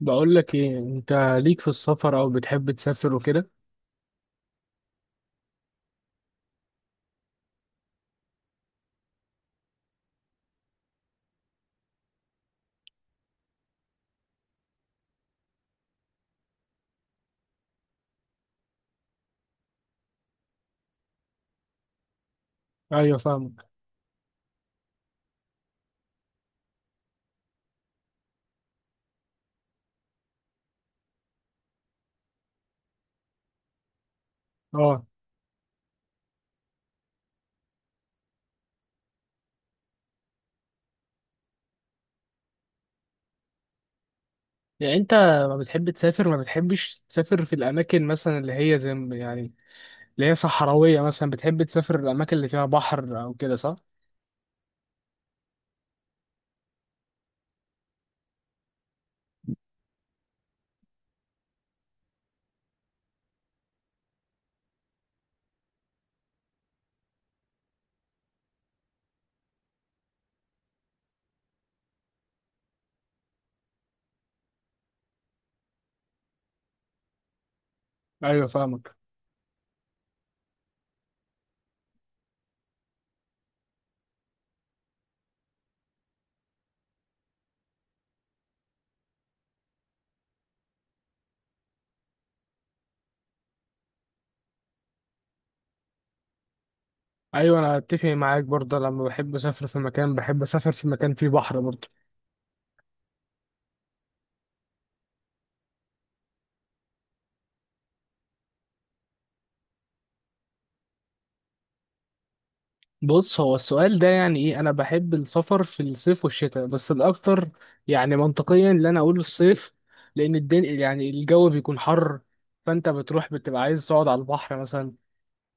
بقول لك ايه، انت ليك في السفر او بتحب تسافر وكده؟ ايوه فاهمك. اه يعني انت ما بتحب تسافر، ما بتحبش تسافر في الاماكن مثلا اللي هي زي ما- يعني اللي هي صحراويه مثلا؟ بتحب تسافر الاماكن اللي فيها بحر او كده، صح؟ ايوه فاهمك. ايوه انا اتفق معاك برضه، لما بحب اسافر في مكان بحب اسافر في مكان فيه بحر برضه. بص هو السؤال ده ايه، انا بحب السفر في الصيف والشتاء بس الاكتر يعني منطقيا اللي انا اقول الصيف، لان الدنيا الجو بيكون حر، فانت بتروح بتبقى عايز تقعد على البحر مثلا،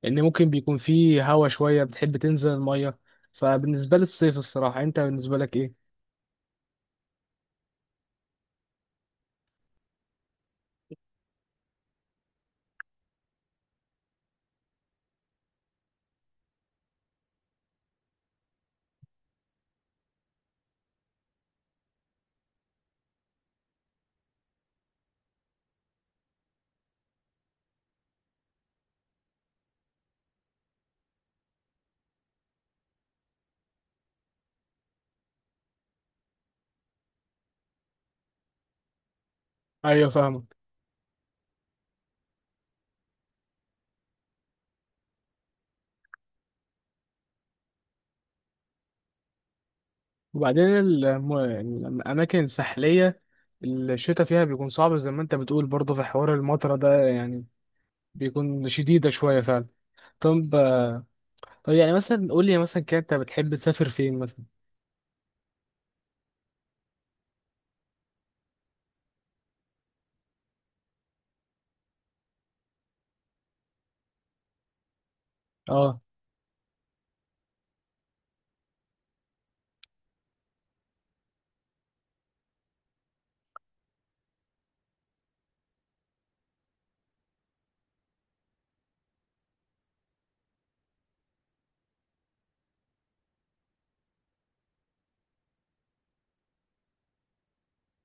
لان ممكن بيكون فيه هوا شوية، بتحب تنزل المية. فبالنسبة لي الصيف، الصراحة انت بالنسبة لك ايه؟ ايوه فاهمك. وبعدين الاماكن الساحلية الشتاء فيها بيكون صعب زي ما انت بتقول برضه، في حوار المطرة ده يعني بيكون شديدة شوية فعلا. طب، طب مثلا قول لي مثلا كده، انت بتحب تسافر فين مثلا؟ اه.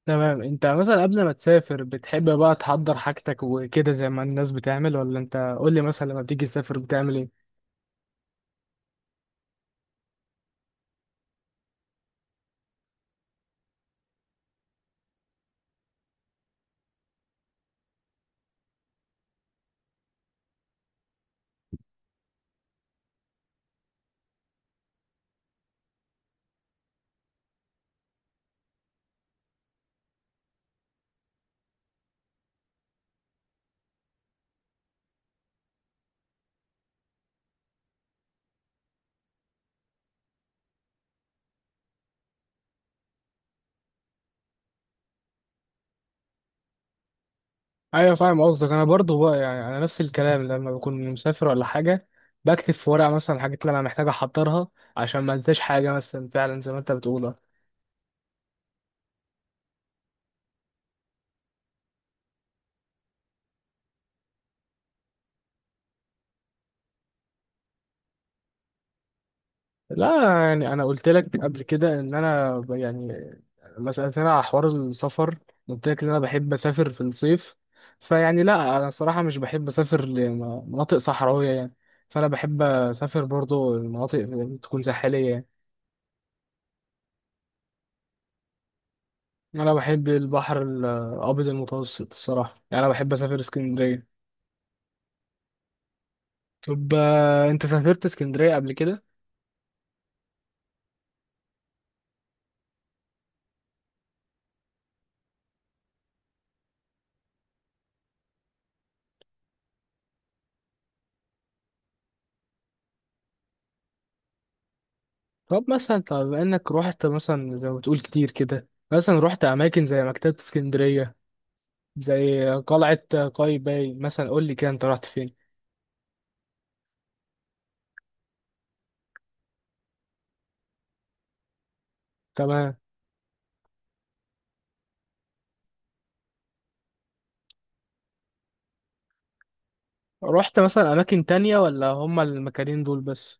تمام. انت مثلا قبل ما تسافر بتحب بقى تحضر حاجتك وكده زي ما الناس بتعمل، ولا انت قول لي مثلا لما بتيجي تسافر بتعمل ايه؟ ايوه فاهم قصدك، انا برضو بقى يعني انا نفس الكلام، لما بكون مسافر ولا حاجه بكتب في ورقه مثلا الحاجات اللي انا محتاج احضرها، عشان ما انساش حاجه مثلا، فعلا زي ما انت بتقول. لا يعني انا قلت لك قبل كده ان انا لما سالتني على حوار السفر قلت لك ان انا بحب اسافر في الصيف، فيعني لا انا الصراحه مش بحب اسافر لمناطق صحراويه يعني، فانا بحب اسافر برضو المناطق تكون ساحليه يعني. انا بحب البحر الابيض المتوسط الصراحه، يعني انا بحب اسافر اسكندريه. طب انت سافرت اسكندريه قبل كده؟ طب مثلا، طب انك روحت مثلا زي ما بتقول كتير كده، مثلا روحت اماكن زي مكتبه اسكندريه، زي قلعة قايتباي مثلا، قول لي كده انت رحت فين؟ تمام. رحت مثلا اماكن تانية ولا هما المكانين دول بس؟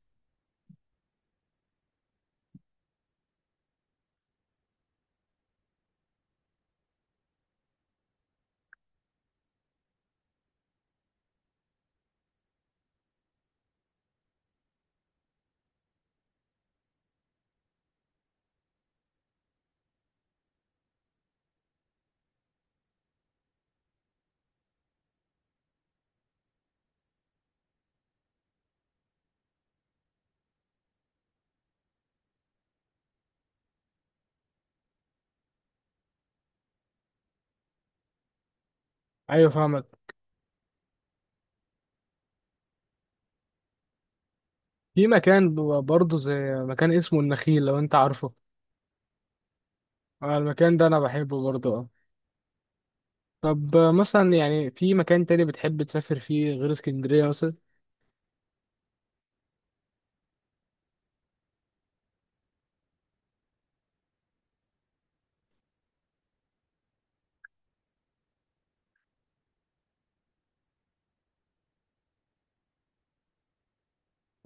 ايوه فاهمك. في مكان برضه زي مكان اسمه النخيل، لو انت عارفه. المكان ده انا بحبه برضه اه. طب مثلا يعني في مكان تاني بتحب تسافر فيه غير اسكندرية مثلا؟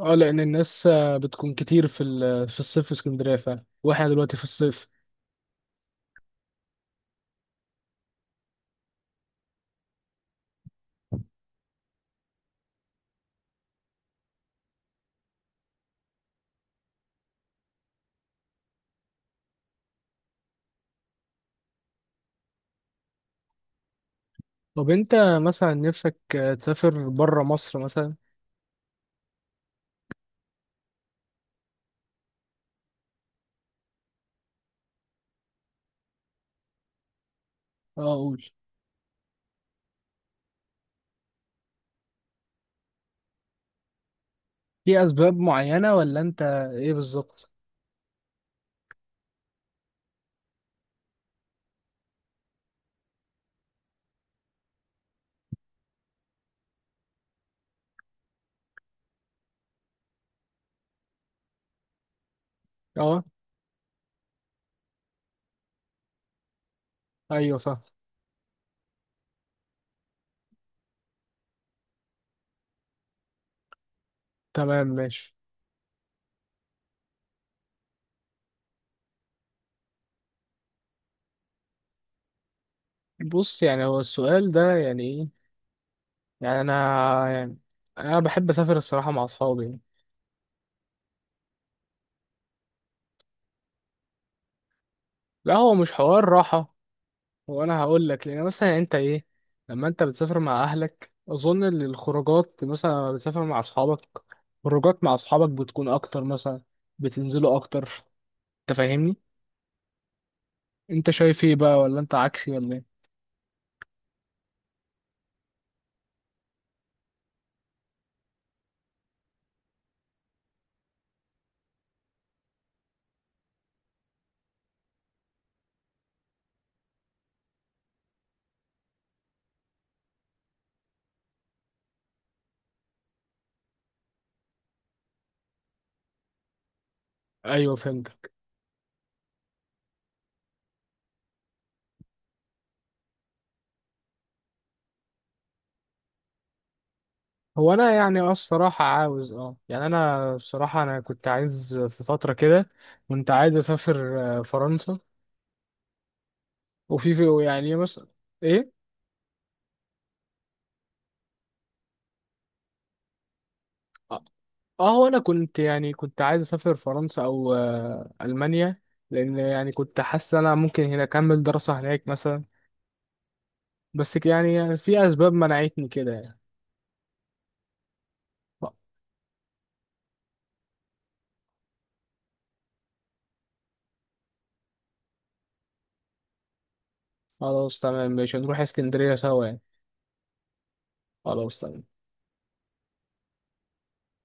اه لان الناس بتكون كتير في الصيف في اسكندرية فعلا، واحنا دلوقتي في الصيف. طب انت مثلا نفسك تسافر بره مصر مثلا؟ اه قول. في اسباب معينة ولا انت ايه بالظبط؟ اه. ايوه فاهم. تمام ماشي. بص يعني هو السؤال ده يعني ايه، يعني انا يعني انا بحب اسافر الصراحة مع اصحابي يعني. لا هو مش حوار راحة. هو انا هقول لك، لان مثلا انت ايه، لما انت بتسافر مع اهلك اظن ان الخروجات مثلا لما بتسافر مع اصحابك، خروجات مع اصحابك بتكون اكتر مثلا، بتنزلوا اكتر. انت فاهمني؟ انت شايف ايه بقى، ولا انت عكسي ولا ايه؟ ايوه فهمت. هو انا يعني اه الصراحه عاوز اه يعني انا بصراحه انا كنت عايز في فتره كده، كنت عايز اسافر فرنسا، وفي يعني مثلا ايه. اه. هو انا كنت يعني كنت عايز اسافر فرنسا او المانيا، لان يعني كنت حاسس انا ممكن هنا اكمل دراسه هناك مثلا، بس في اسباب منعتني كده يعني. خلاص تمام ماشي، نروح اسكندريه سوا يعني. خلاص تمام.